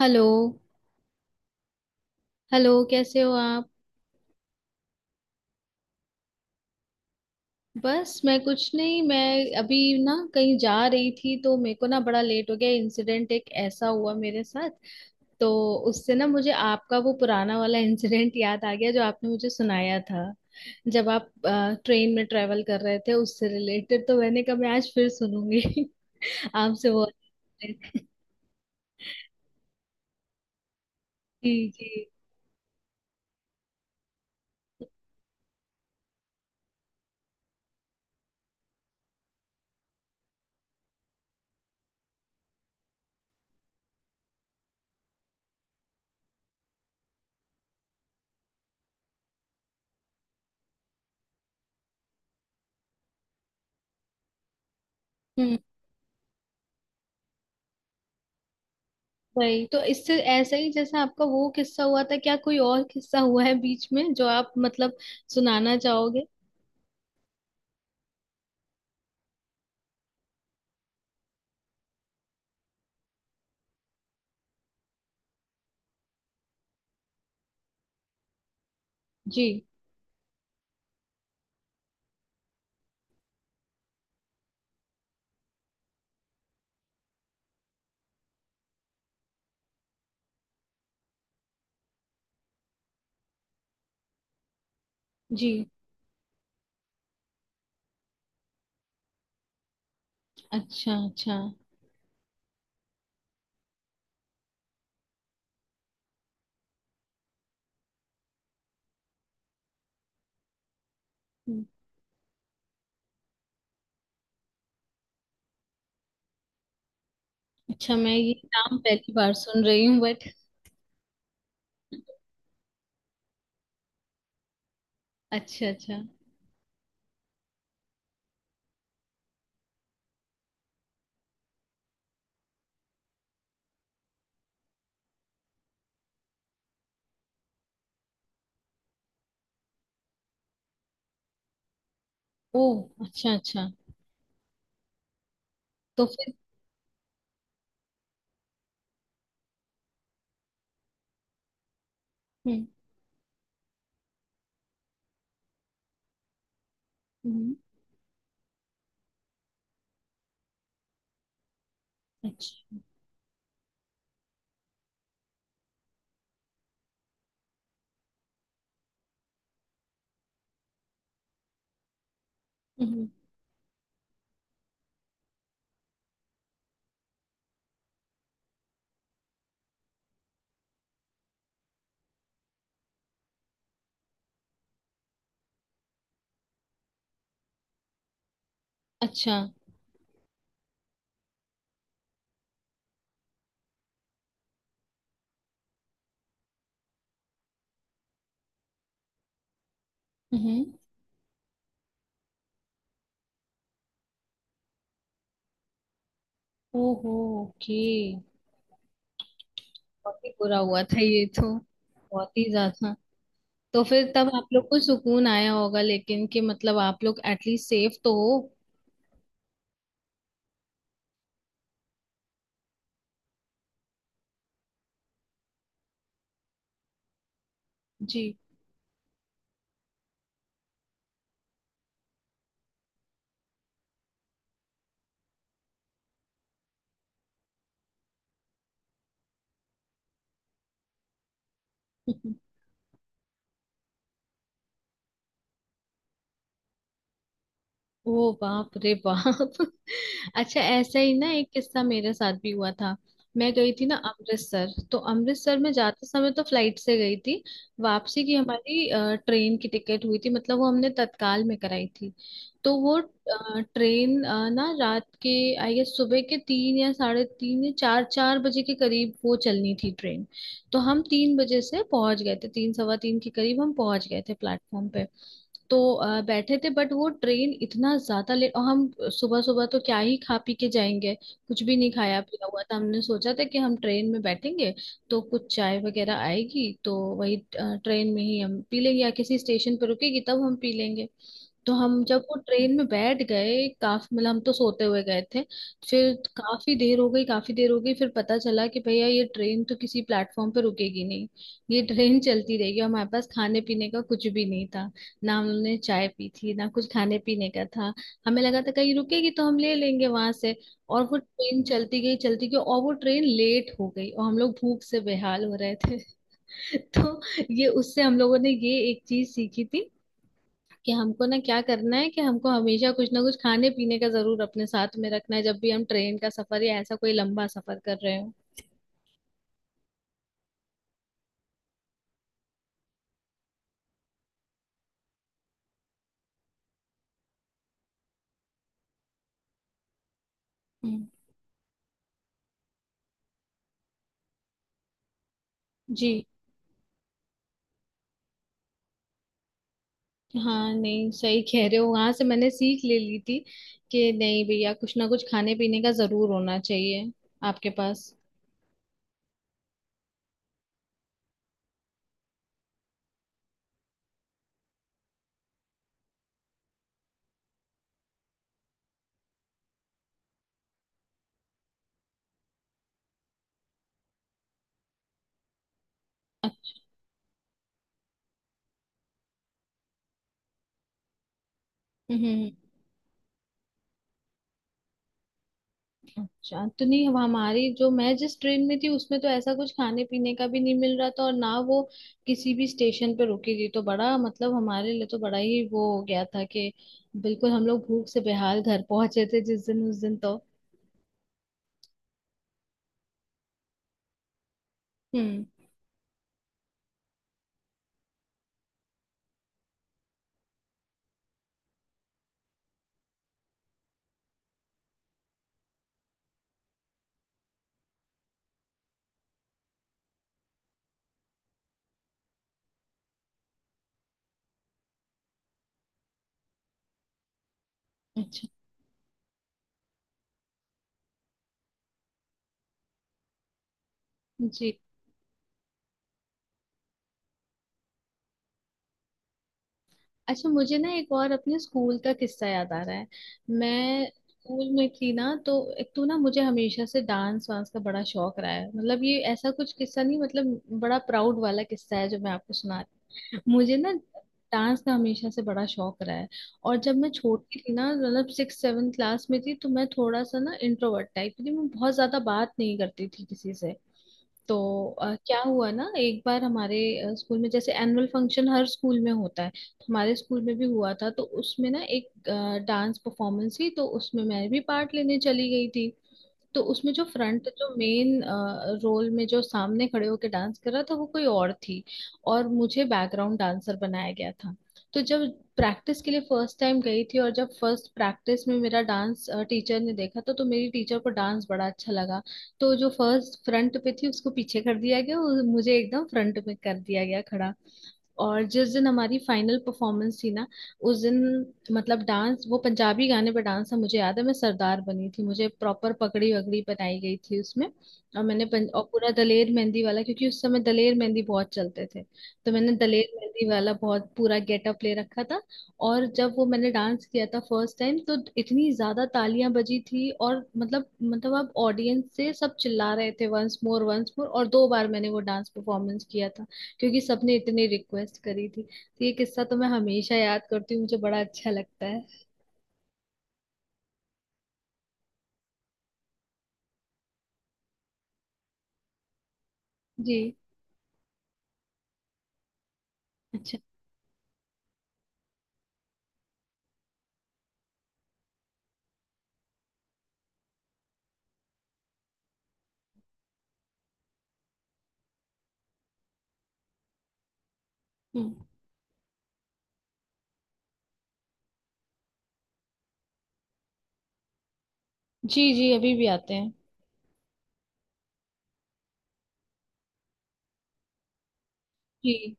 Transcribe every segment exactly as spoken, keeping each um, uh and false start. Hello. Hello, कैसे हो आप? बस मैं कुछ नहीं। मैं अभी ना कहीं जा रही थी तो मेरे को ना बड़ा लेट हो गया। इंसिडेंट एक ऐसा हुआ मेरे साथ। तो उससे ना मुझे आपका वो पुराना वाला इंसिडेंट याद आ गया जो आपने मुझे सुनाया था, जब आप ट्रेन में ट्रेवल कर रहे थे, उससे रिलेटेड। तो मैंने कहा मैं आज फिर सुनूंगी आपसे वो। जी जी। वही तो, इससे ऐसा ही जैसे आपका वो किस्सा हुआ था, क्या कोई और किस्सा हुआ है बीच में जो आप, मतलब, सुनाना चाहोगे? जी जी। अच्छा अच्छा। अच्छा, मैं ये नाम पहली बार सुन रही हूँ बट। अच्छा अच्छा। ओ, अच्छा अच्छा। तो फिर? हम्म। हम्म, अच्छा। हम्म। अच्छा। हम्म। ओहो। ओके। बहुत ही बुरा हुआ था ये तो। बहुत ही ज्यादा। तो फिर तब आप लोग को सुकून आया होगा लेकिन, कि मतलब आप लोग एटलीस्ट सेफ तो हो। जी। ओ बाप रे बाप। अच्छा, ऐसा ही ना एक किस्सा मेरे साथ भी हुआ था। मैं गई थी ना अमृतसर, तो अमृतसर में जाते समय तो फ्लाइट से गई थी। वापसी की हमारी अ, ट्रेन की टिकट हुई थी, मतलब वो हमने तत्काल में कराई थी। तो वो अ, ट्रेन अ, ना रात के, आई गेस सुबह के तीन या साढ़े तीन या चार चार बजे के करीब वो चलनी थी ट्रेन। तो हम तीन बजे से पहुंच गए थे, तीन सवा तीन के करीब हम पहुंच गए थे प्लेटफॉर्म पे। तो अ, बैठे थे, बट वो ट्रेन इतना ज्यादा लेट, और हम सुबह सुबह तो क्या ही खा पी के जाएंगे। कुछ भी नहीं खाया पिया हुआ था, हमने सोचा था कि हम ट्रेन में बैठेंगे तो कुछ चाय वगैरह आएगी तो वही अ, ट्रेन में ही हम पी लेंगे या किसी स्टेशन पर रुकेगी तब हम पी लेंगे। तो हम जब वो ट्रेन में बैठ गए, काफी मतलब हम तो सोते हुए गए थे। फिर काफी देर हो गई, काफी देर हो गई, फिर पता चला कि भैया ये ट्रेन तो किसी प्लेटफॉर्म पे रुकेगी नहीं, ये ट्रेन चलती रहेगी। और हमारे पास खाने पीने का कुछ भी नहीं था। ना हमने चाय पी थी, ना कुछ खाने पीने का था। हमें लगा था कहीं रुकेगी तो हम ले लेंगे वहां से। और वो ट्रेन चलती गई चलती गई, और वो ट्रेन लेट हो गई और हम लोग भूख से बेहाल हो रहे थे। तो ये, उससे हम लोगों ने ये एक चीज सीखी थी कि हमको ना क्या करना है, कि हमको हमेशा कुछ ना कुछ खाने पीने का जरूर अपने साथ में रखना है जब भी हम ट्रेन का सफर या ऐसा कोई लंबा सफर कर रहे हो। हम्म, जी। हाँ नहीं, सही कह रहे हो, वहां से मैंने सीख ले ली थी कि नहीं भैया, कुछ ना कुछ खाने पीने का जरूर होना चाहिए आपके पास। अ- हम्म, अच्छा। तो नहीं, हम- हमारी जो, मैं जिस ट्रेन में थी उसमें तो ऐसा कुछ खाने पीने का भी नहीं मिल रहा था और ना वो किसी भी स्टेशन पे रुकी थी, तो बड़ा मतलब हमारे लिए तो बड़ा ही वो हो गया था कि बिल्कुल हम लोग भूख से बेहाल घर पहुंचे थे जिस दिन, उस दिन तो। हम्म। अच्छा। जी। अच्छा, मुझे ना एक और अपने स्कूल का किस्सा याद आ रहा है। मैं स्कूल में थी ना, तो एक तो ना मुझे हमेशा से डांस वांस का बड़ा शौक रहा है। मतलब ये ऐसा कुछ किस्सा नहीं, मतलब बड़ा प्राउड वाला किस्सा है जो मैं आपको सुना। मुझे ना डांस का हमेशा से बड़ा शौक रहा है। और जब मैं छोटी थी ना, मतलब सिक्स सेवन क्लास में थी, तो मैं थोड़ा सा ना इंट्रोवर्ट टाइप थी, मैं बहुत ज्यादा बात नहीं करती थी किसी से। तो अ, क्या हुआ ना, एक बार हमारे अ, स्कूल में, जैसे एनुअल फंक्शन हर स्कूल में होता है तो हमारे स्कूल में भी हुआ था, तो उसमें ना एक अ, डांस परफॉर्मेंस थी, तो उसमें मैं भी पार्ट लेने चली गई थी। तो उसमें जो फ्रंट, जो मेन रोल में, जो सामने खड़े होकर डांस कर रहा था, वो कोई और थी और मुझे बैकग्राउंड डांसर बनाया गया था। तो जब प्रैक्टिस के लिए फर्स्ट टाइम गई थी, और जब फर्स्ट प्रैक्टिस में मेरा डांस टीचर ने देखा, तो तो मेरी टीचर को डांस बड़ा अच्छा लगा। तो जो फर्स्ट फ्रंट पे थी, उसको पीछे कर दिया गया और मुझे एकदम फ्रंट में कर दिया गया खड़ा। और जिस दिन हमारी फाइनल परफॉर्मेंस थी ना, उस दिन, मतलब डांस, वो पंजाबी गाने पर डांस था, मुझे याद है, मैं सरदार बनी थी, मुझे प्रॉपर पगड़ी वगड़ी बनाई गई थी उसमें। और मैंने पं, और पूरा दलेर मेहंदी वाला, क्योंकि उस समय दलेर मेहंदी बहुत चलते थे, तो मैंने दलेर मेहंदी वाला बहुत पूरा गेटअप ले रखा था। और जब वो मैंने डांस किया था फर्स्ट टाइम, तो इतनी ज्यादा तालियां बजी थी, और मतलब मतलब अब ऑडियंस से सब चिल्ला रहे थे वंस मोर वंस मोर, और दो बार मैंने वो डांस परफॉर्मेंस किया था क्योंकि सबने इतनी रिक्वेस्ट करी थी। तो ये किस्सा तो मैं हमेशा याद करती हूँ, मुझे बड़ा अच्छा लगता है। जी। अच्छा। हम्म। जी जी, अभी भी आते हैं। जी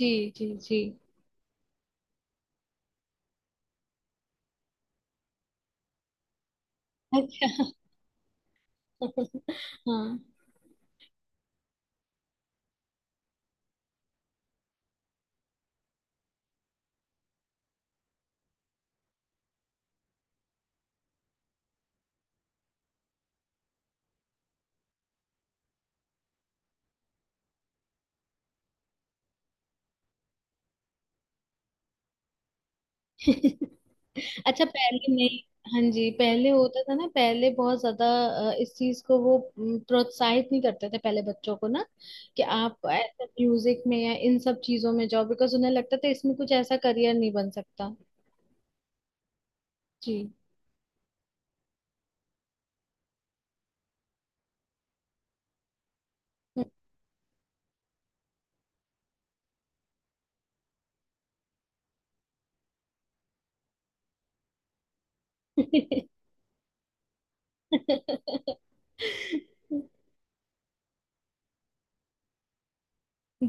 जी जी। जी। अच्छा। हाँ। अच्छा, पहले नहीं? हाँ जी, पहले होता था ना, पहले बहुत ज्यादा अ, इस चीज को वो अम, प्रोत्साहित नहीं करते थे पहले बच्चों को ना, कि आप ऐसे म्यूजिक में या इन सब चीजों में जाओ, बिकॉज उन्हें लगता था इसमें कुछ ऐसा करियर नहीं बन सकता। जी।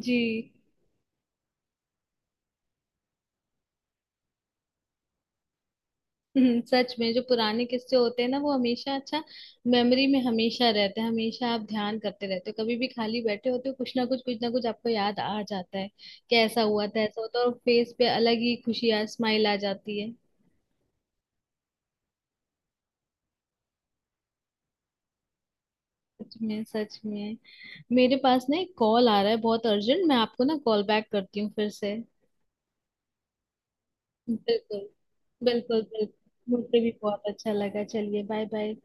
जी। हम्म, सच में जो पुराने किस्से होते हैं ना वो हमेशा अच्छा, मेमोरी में हमेशा रहते हैं। हमेशा आप ध्यान करते रहते हो, कभी भी खाली बैठे होते हो कुछ ना कुछ, कुछ ना कुछ आपको याद आ जाता है कि ऐसा हुआ था ऐसा होता है, और फेस पे अलग ही खुशी आ, स्माइल आ जाती है। सच में, सच में। मेरे पास ना एक कॉल आ रहा है बहुत अर्जेंट, मैं आपको ना कॉल बैक करती हूँ फिर से। बिल्कुल। बिल्कुल बिल्कुल। मुझे भी बहुत अच्छा लगा, चलिए बाय बाय।